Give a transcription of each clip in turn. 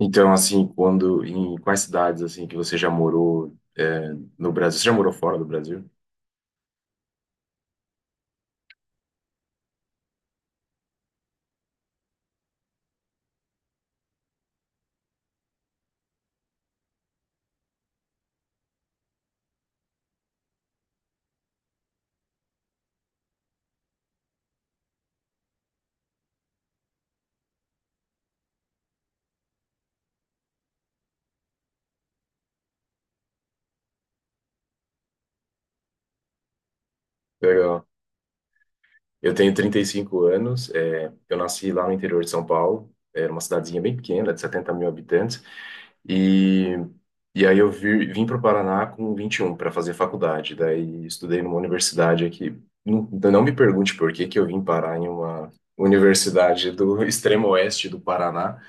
Então, assim, quando, em quais cidades, assim, que você já morou, no Brasil? Você já morou fora do Brasil? Legal. Eu tenho 35 anos, eu nasci lá no interior de São Paulo, era uma cidadezinha bem pequena, de 70 mil habitantes, e, e aí eu vim para o Paraná com 21 para fazer faculdade, daí estudei numa universidade aqui. Não, não me pergunte por que que eu vim parar em uma universidade do extremo oeste do Paraná.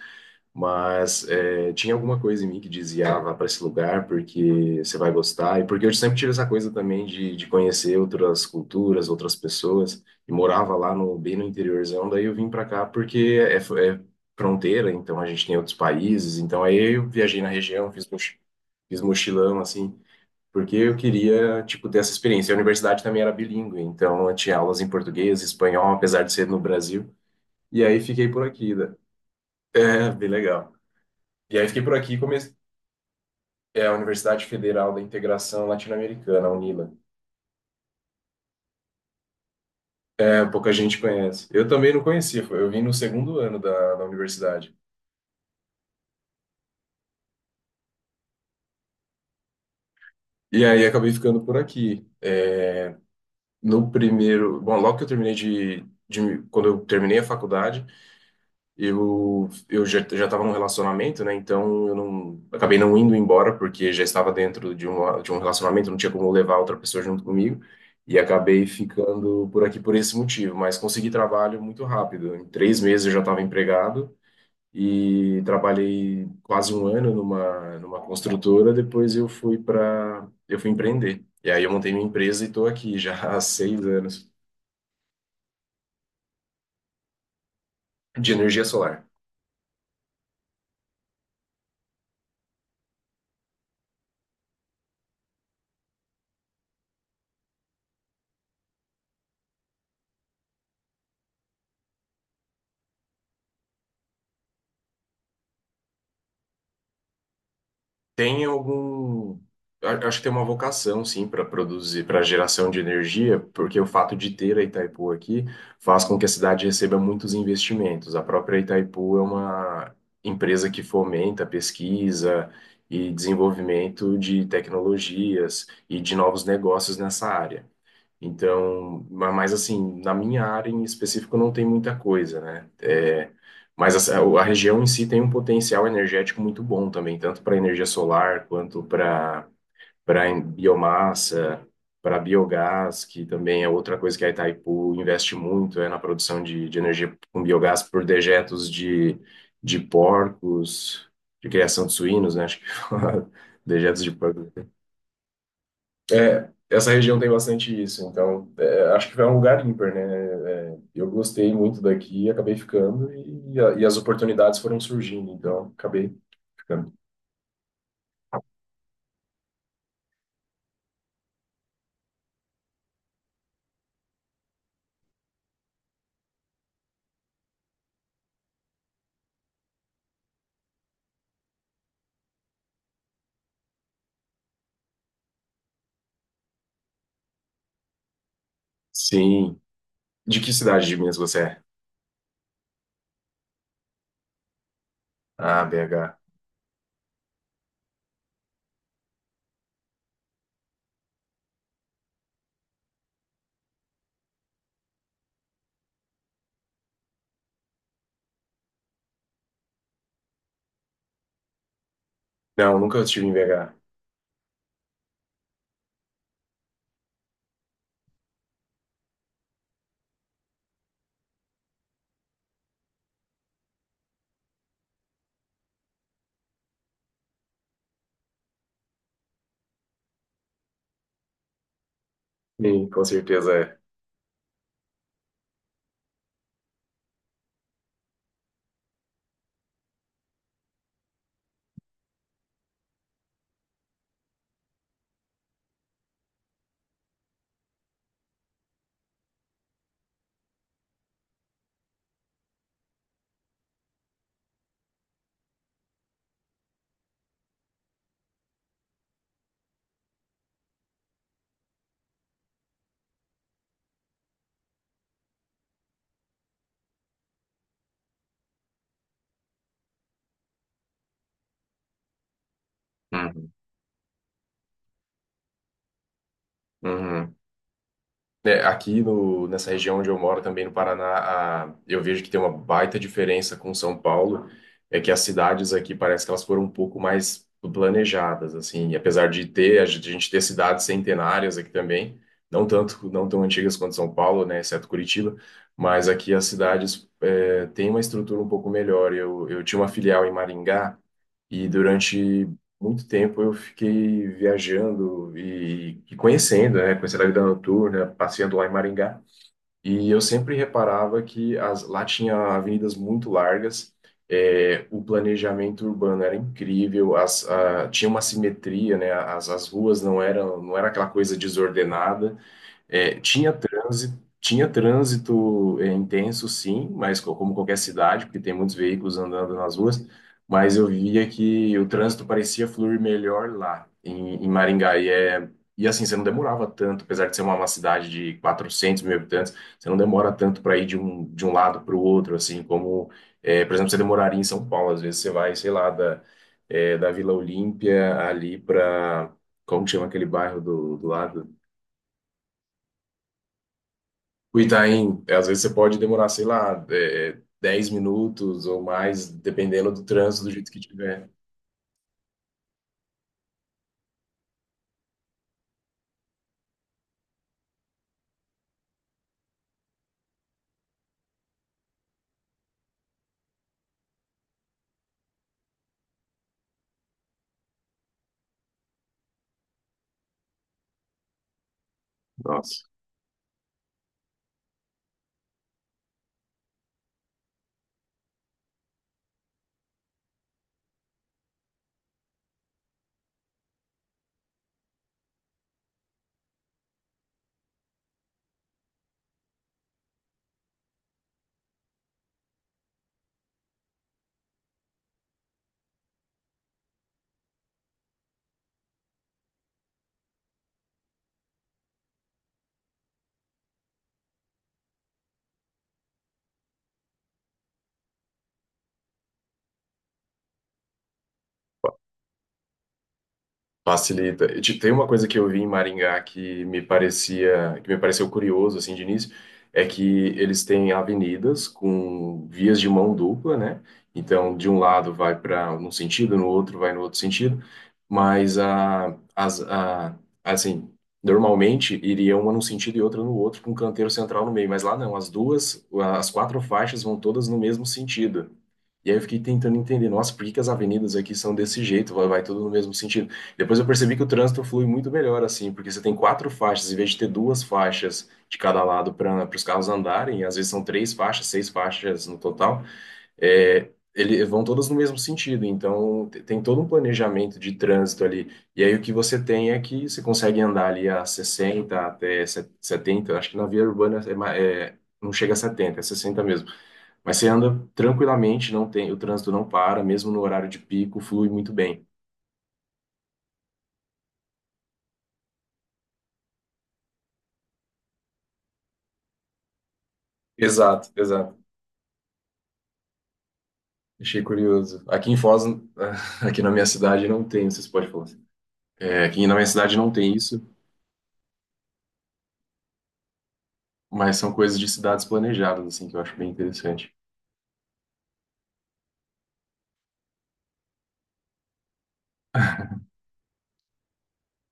Mas é, tinha alguma coisa em mim que dizia: ah, vá para esse lugar porque você vai gostar. E porque eu sempre tive essa coisa também de conhecer outras culturas, outras pessoas. E morava lá no, bem no interiorzão, daí eu vim para cá porque é fronteira, então a gente tem outros países. Então aí eu viajei na região, fiz mochilão, assim, porque eu queria, tipo, ter essa experiência. A universidade também era bilíngue, então eu tinha aulas em português, espanhol, apesar de ser no Brasil. E aí fiquei por aqui, né? É, bem legal. E aí fiquei por aqui e comecei. É a Universidade Federal da Integração Latino-Americana, a UNILA. É, pouca gente conhece. Eu também não conhecia, eu vim no segundo ano da universidade. E aí acabei ficando por aqui. É, no primeiro. Bom, logo que eu terminei de, de. Quando eu terminei a faculdade, eu, eu já estava num relacionamento, né? Então eu não acabei não indo embora porque já estava dentro de um relacionamento, não tinha como levar outra pessoa junto comigo e acabei ficando por aqui por esse motivo. Mas consegui trabalho muito rápido. Em 3 meses eu já estava empregado e trabalhei quase um ano numa construtora. Depois eu fui empreender e aí eu montei minha empresa e estou aqui já há 6 anos de energia solar. Tem algum. Acho que tem uma vocação, sim, para produzir, para geração de energia, porque o fato de ter a Itaipu aqui faz com que a cidade receba muitos investimentos. A própria Itaipu é uma empresa que fomenta pesquisa e desenvolvimento de tecnologias e de novos negócios nessa área. Então, mas assim, na minha área em específico não tem muita coisa, né? É, mas região em si tem um potencial energético muito bom também, tanto para energia solar quanto para biomassa, para biogás, que também é outra coisa que a Itaipu investe muito, é na produção de energia com biogás por dejetos de porcos, de criação de suínos, né? Acho que dejetos de porcos. É, essa região tem bastante isso, então é, acho que é um lugar ímpar, né? É, eu gostei muito daqui, acabei ficando e, e as oportunidades foram surgindo, então acabei ficando. Sim. De que cidade de Minas você é? Ah, BH. Não, nunca estive em BH. Sim, com certeza é. Uhum. Uhum. É, aqui no, nessa região onde eu moro, também no Paraná, eu vejo que tem uma baita diferença com São Paulo. É que as cidades aqui parece que elas foram um pouco mais planejadas, assim, e apesar de ter, a gente ter cidades centenárias aqui também, não tanto, não tão antigas quanto São Paulo, né, exceto Curitiba, mas aqui as cidades é, têm uma estrutura um pouco melhor. Eu tinha uma filial em Maringá. E durante muito tempo eu fiquei viajando e conhecendo, né? Conhecendo a vida noturna, passeando lá em Maringá. E eu sempre reparava que as, lá tinha avenidas muito largas, é, o planejamento urbano era incrível, as, a, tinha uma simetria, né? As ruas não eram, não era aquela coisa desordenada. É, tinha trânsito é, intenso, sim, mas como qualquer cidade, porque tem muitos veículos andando nas ruas, mas eu via que o trânsito parecia fluir melhor lá em, em Maringá. E, é, e assim, você não demorava tanto, apesar de ser uma cidade de 400 mil habitantes, você não demora tanto para ir de um lado para o outro, assim, como, é, por exemplo, você demoraria em São Paulo. Às vezes você vai, sei lá, da, é, da Vila Olímpia ali para. Como que chama aquele bairro do, do lado? O Itaim, é, às vezes você pode demorar, sei lá, é, 10 minutos ou mais, dependendo do trânsito, do jeito que tiver. Nossa. Facilita. E tem uma coisa que eu vi em Maringá que me parecia, que me pareceu curioso assim de início, é que eles têm avenidas com vias de mão dupla, né? Então, de um lado vai para num sentido, no outro vai no outro sentido, mas a, as, a, assim, normalmente iria uma num sentido e outra no outro, com um canteiro central no meio, mas lá não, as duas, as quatro faixas vão todas no mesmo sentido. E aí eu fiquei tentando entender, nossa, por que que as avenidas aqui são desse jeito? Vai, vai tudo no mesmo sentido. Depois eu percebi que o trânsito flui muito melhor assim, porque você tem quatro faixas, em vez de ter duas faixas de cada lado para os carros andarem, e às vezes são três faixas, seis faixas no total, é, ele, vão todas no mesmo sentido. Então tem todo um planejamento de trânsito ali. E aí o que você tem é que você consegue andar ali a 60 até 70, acho que na via urbana é, é, não chega a 70, é 60 mesmo. Mas você anda tranquilamente, não tem, o trânsito não para, mesmo no horário de pico, flui muito bem. Exato, exato. Achei curioso. Aqui em Foz, aqui na minha cidade não tem, vocês podem falar assim. É, aqui na minha cidade não tem isso, mas são coisas de cidades planejadas, assim, que eu acho bem interessante.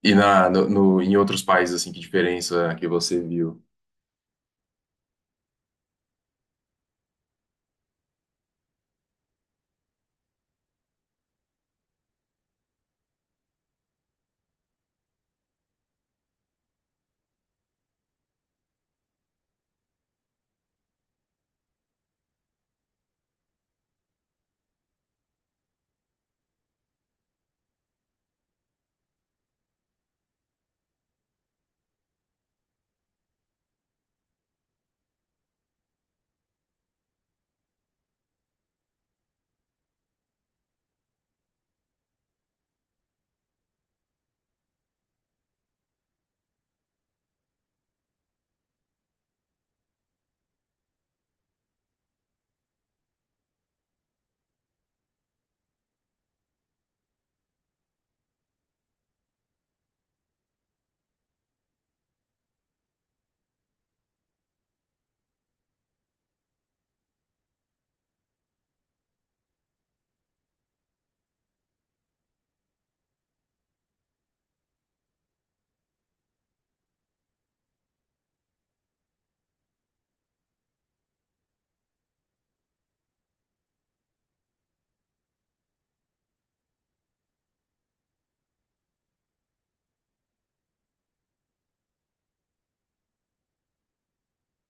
E na, no, em outros países, assim, que diferença que você viu?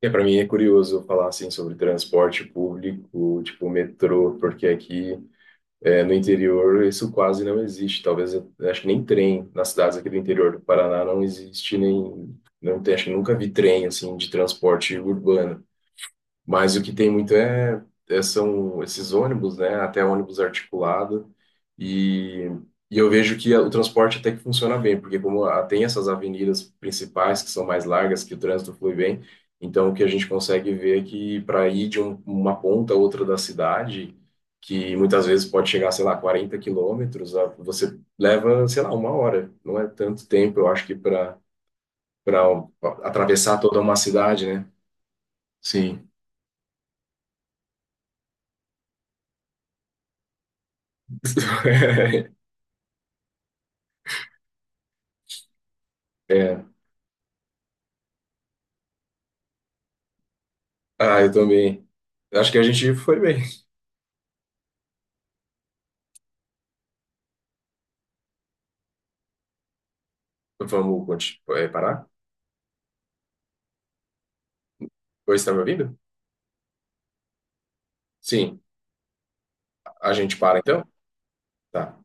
É, para mim é curioso falar, assim, sobre transporte público, tipo metrô, porque aqui é, no interior isso quase não existe. Talvez, eu acho que nem trem nas cidades aqui do interior do Paraná não existe, nem, não tem, acho que nunca vi trem, assim, de transporte urbano. Mas o que tem muito é, são esses ônibus, né? Até ônibus articulado. E, e eu vejo que o transporte até que funciona bem, porque como tem essas avenidas principais que são mais largas, que o trânsito flui bem, então o que a gente consegue ver é que para ir de uma ponta a outra da cidade, que muitas vezes pode chegar, sei lá, 40 quilômetros, você leva, sei lá, uma hora. Não é tanto tempo, eu acho que para para atravessar toda uma cidade, né? Sim. É. Ah, eu também. Acho que a gente foi bem. Vamos parar? Oi, você está me ouvindo? Sim. A gente para então? Tá.